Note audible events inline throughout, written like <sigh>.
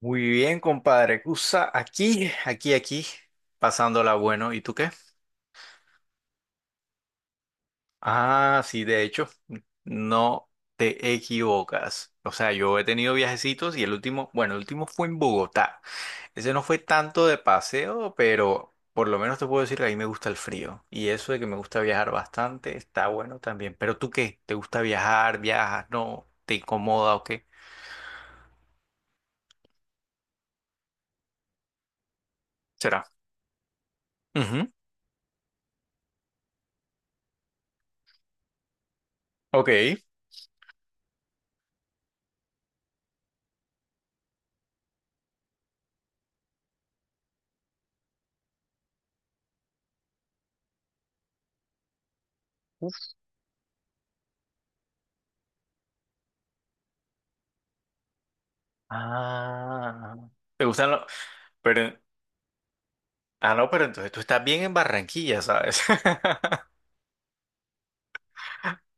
Muy bien, compadre. Cusa, aquí, pasándola bueno. ¿Y tú qué? Ah, sí, de hecho, no te equivocas. O sea, yo he tenido viajecitos y el último, bueno, el último fue en Bogotá. Ese no fue tanto de paseo, pero por lo menos te puedo decir que a mí me gusta el frío. Y eso de que me gusta viajar bastante está bueno también. Pero ¿tú qué? ¿Te gusta viajar? ¿Viajas? ¿No? ¿Te incomoda o qué? ¿Será? Ujú. Ok. Ah, ¿te gustan los...? Pero, ah, no, pero entonces tú estás bien en Barranquilla, ¿sabes? <laughs>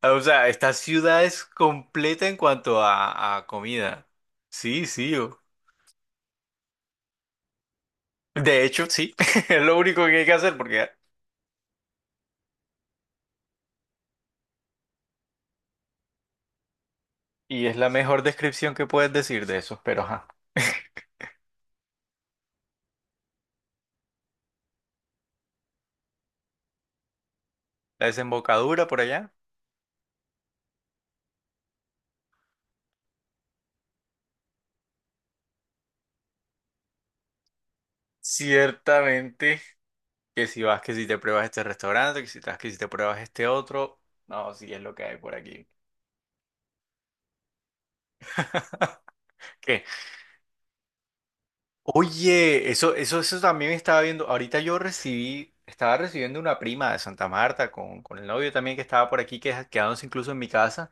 O sea, esta ciudad es completa en cuanto a comida. Sí, sí. yo- De hecho, sí. <laughs> Es lo único que hay que hacer porque... Y es la mejor descripción que puedes decir de eso, pero ajá. La desembocadura por allá. Ciertamente que si vas, que si te pruebas este restaurante, que si te vas, que si te pruebas este otro. No, sí es lo que hay por aquí. Oye, eso también estaba viendo. Ahorita yo recibí, estaba recibiendo una prima de Santa Marta con el novio también que estaba por aquí, que quedándose incluso en mi casa,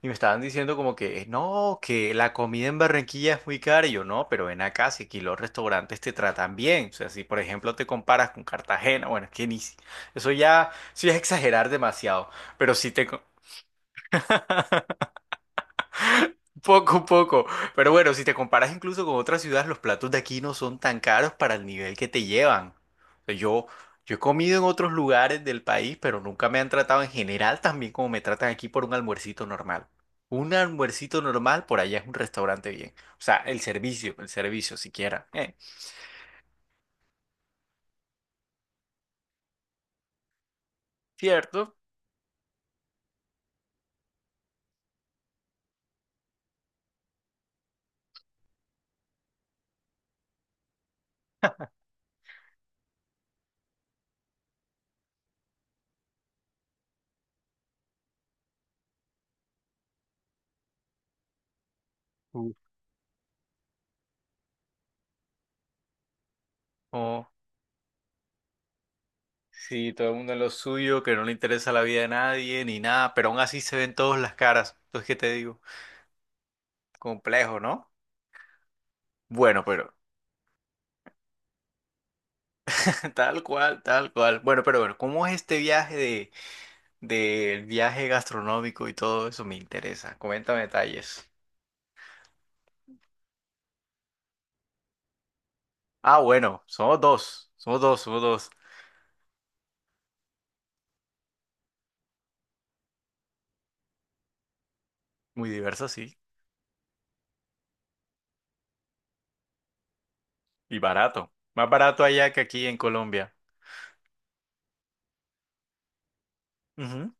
y me estaban diciendo como que no, que la comida en Barranquilla es muy cara. Y yo, no, pero ven acá, si aquí los restaurantes te tratan bien. O sea, si por ejemplo te comparas con Cartagena, bueno, es que ni, si- eso ya es exagerar demasiado. Pero si te, poco, poco. Pero bueno, si te comparas incluso con otras ciudades, los platos de aquí no son tan caros para el nivel que te llevan. O sea, yo he comido en otros lugares del país, pero nunca me han tratado en general tan bien como me tratan aquí por un almuercito normal. Un almuercito normal por allá es un restaurante bien. O sea, el servicio siquiera. ¿Cierto? Uf. Oh, sí, todo el mundo en lo suyo, que no le interesa la vida de nadie ni nada, pero aún así se ven todas las caras. Entonces, ¿qué te digo? Complejo, ¿no? Bueno, pero... <laughs> Tal cual, tal cual. Bueno, pero bueno, ¿cómo es este viaje de del viaje gastronómico y todo eso? Me interesa. Coméntame detalles. Ah, bueno, somos dos, somos dos, somos dos. Muy diverso, sí. Y barato. Más barato allá que aquí en Colombia. Ujú.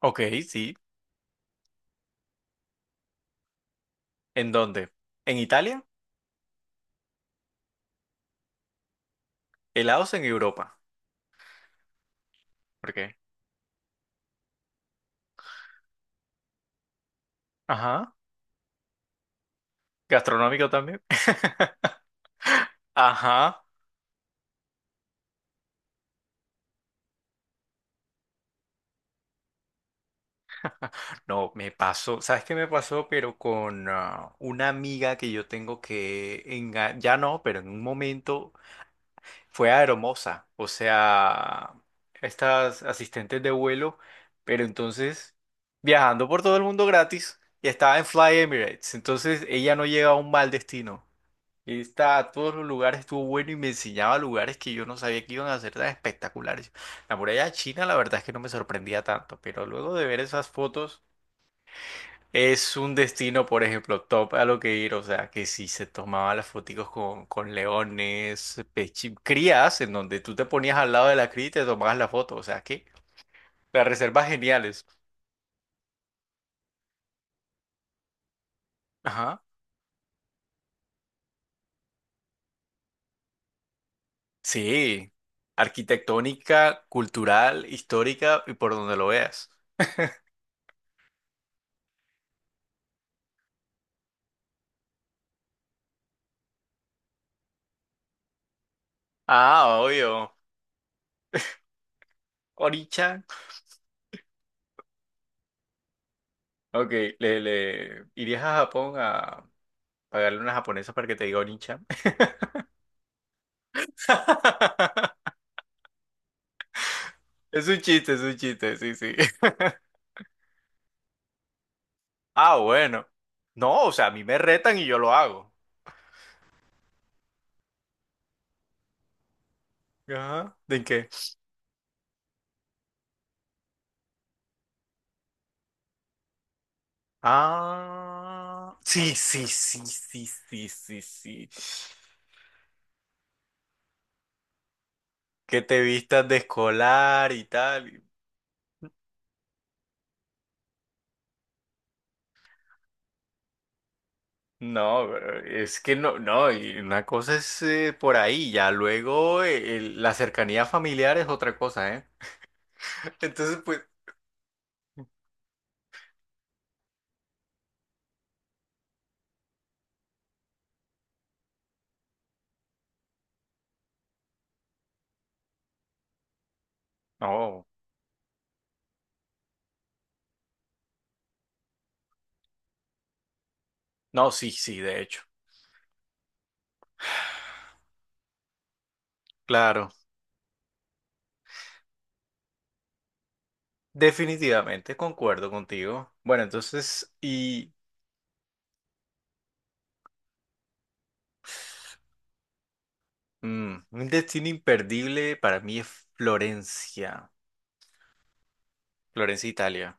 Ok, sí. ¿En dónde? ¿En Italia? Helados en Europa. ¿Por qué? Ajá. Gastronómico también. <laughs> Ajá. No, me pasó, ¿sabes qué me pasó? Pero con una amiga que yo tengo que, enga- ya no, pero en un momento fue aeromoza, o sea, estas asistentes de vuelo, pero entonces viajando por todo el mundo gratis y estaba en Fly Emirates, entonces ella no llega a un mal destino. Y está a todos los lugares, estuvo bueno y me enseñaba lugares que yo no sabía que iban a ser tan espectaculares. La muralla china, la verdad es que no me sorprendía tanto, pero luego de ver esas fotos... Es un destino, por ejemplo, top a lo que ir, o sea, que si se tomaban las foticos con leones, pechi- crías, en donde tú te ponías al lado de la cría y te tomabas la foto, o sea, que las reservas geniales. Ajá. Sí, arquitectónica, cultural, histórica y por donde lo veas. Ah, obvio. Onichan. Ok, le irías a Japón a pagarle a una japonesa para que te diga Onichan. <laughs> Es un chiste, sí, sí. Ah, bueno. No, o sea, a mí me retan y yo lo hago. Ajá. ¿De qué? Ah, sí, sí, sí, sí, sí, sí, sí. Que te vistas de escolar y tal. No, pero es que no, no, y una cosa es por ahí, ya luego el- la cercanía familiar es otra cosa, ¿eh? <laughs> Entonces, pues, no, no, sí, sí, de hecho, claro, definitivamente concuerdo contigo. Bueno, entonces, y mm, un destino imperdible para mí es Florencia, Florencia, Italia.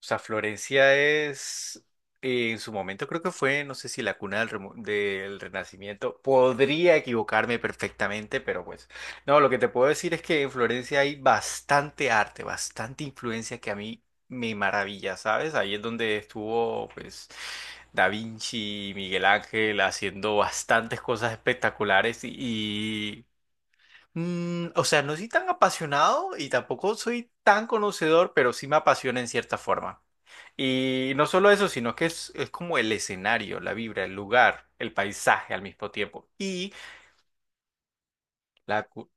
O sea, Florencia es, en su momento creo que fue, no sé si la cuna del, remo- del Renacimiento. Podría equivocarme perfectamente, pero pues, no, lo que te puedo decir es que en Florencia hay bastante arte, bastante influencia que a mí me maravilla, ¿sabes? Ahí es donde estuvo, pues, Da Vinci, Miguel Ángel haciendo bastantes cosas espectaculares y, mm, o sea, no soy tan apasionado y tampoco soy tan conocedor, pero sí me apasiona en cierta forma. Y no solo eso, sino que es como el escenario, la vibra, el lugar, el paisaje al mismo tiempo. Y la... cu-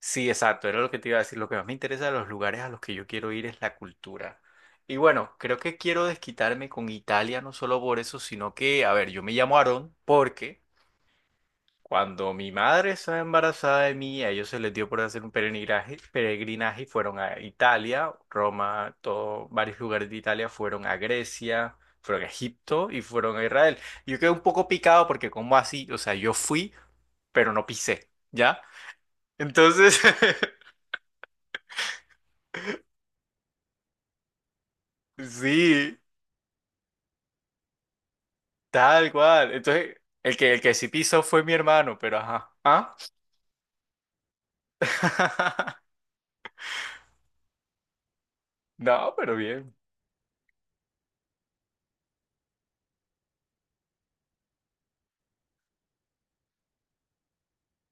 sí, exacto, era lo que te iba a decir. Lo que más me interesa de los lugares a los que yo quiero ir es la cultura. Y bueno, creo que quiero desquitarme con Italia, no solo por eso, sino que, a ver, yo me llamo Aarón porque... Cuando mi madre estaba embarazada de mí, a ellos se les dio por hacer un peregrinaje, y fueron a Italia, Roma, todo, varios lugares de Italia, fueron a Grecia, fueron a Egipto y fueron a Israel. Yo quedé un poco picado porque ¿cómo así? O sea, yo fui, pero no pisé, ¿ya? Entonces, <laughs> sí, tal cual. Entonces, el que sí pisó fue mi hermano, pero ajá. ¿Ah? <laughs> No, pero bien.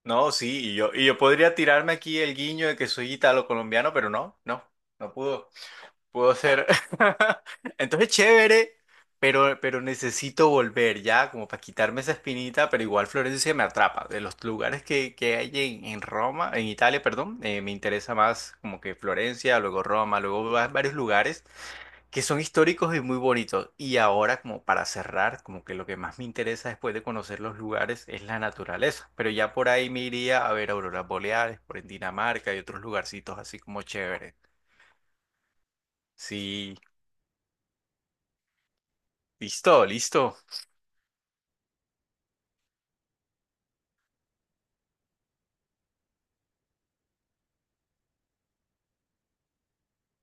No, sí, y yo podría tirarme aquí el guiño de que soy italo-colombiano, pero no, no, no pudo. Puedo ser. <laughs> Entonces, chévere, pero necesito volver ya, como para quitarme esa espinita, pero igual Florencia me atrapa. De los lugares que hay en Roma, en Italia, perdón, me interesa más como que Florencia, luego Roma, luego va- varios lugares que son históricos y muy bonitos. Y ahora, como para cerrar, como que lo que más me interesa después de conocer los lugares es la naturaleza. Pero ya por ahí me iría a ver auroras boreales, por en Dinamarca y otros lugarcitos así como chévere. Sí. Listo, listo.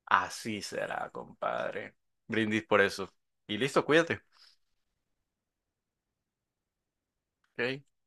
Así será, compadre. Brindis por eso. Y listo, cuídate. Ok.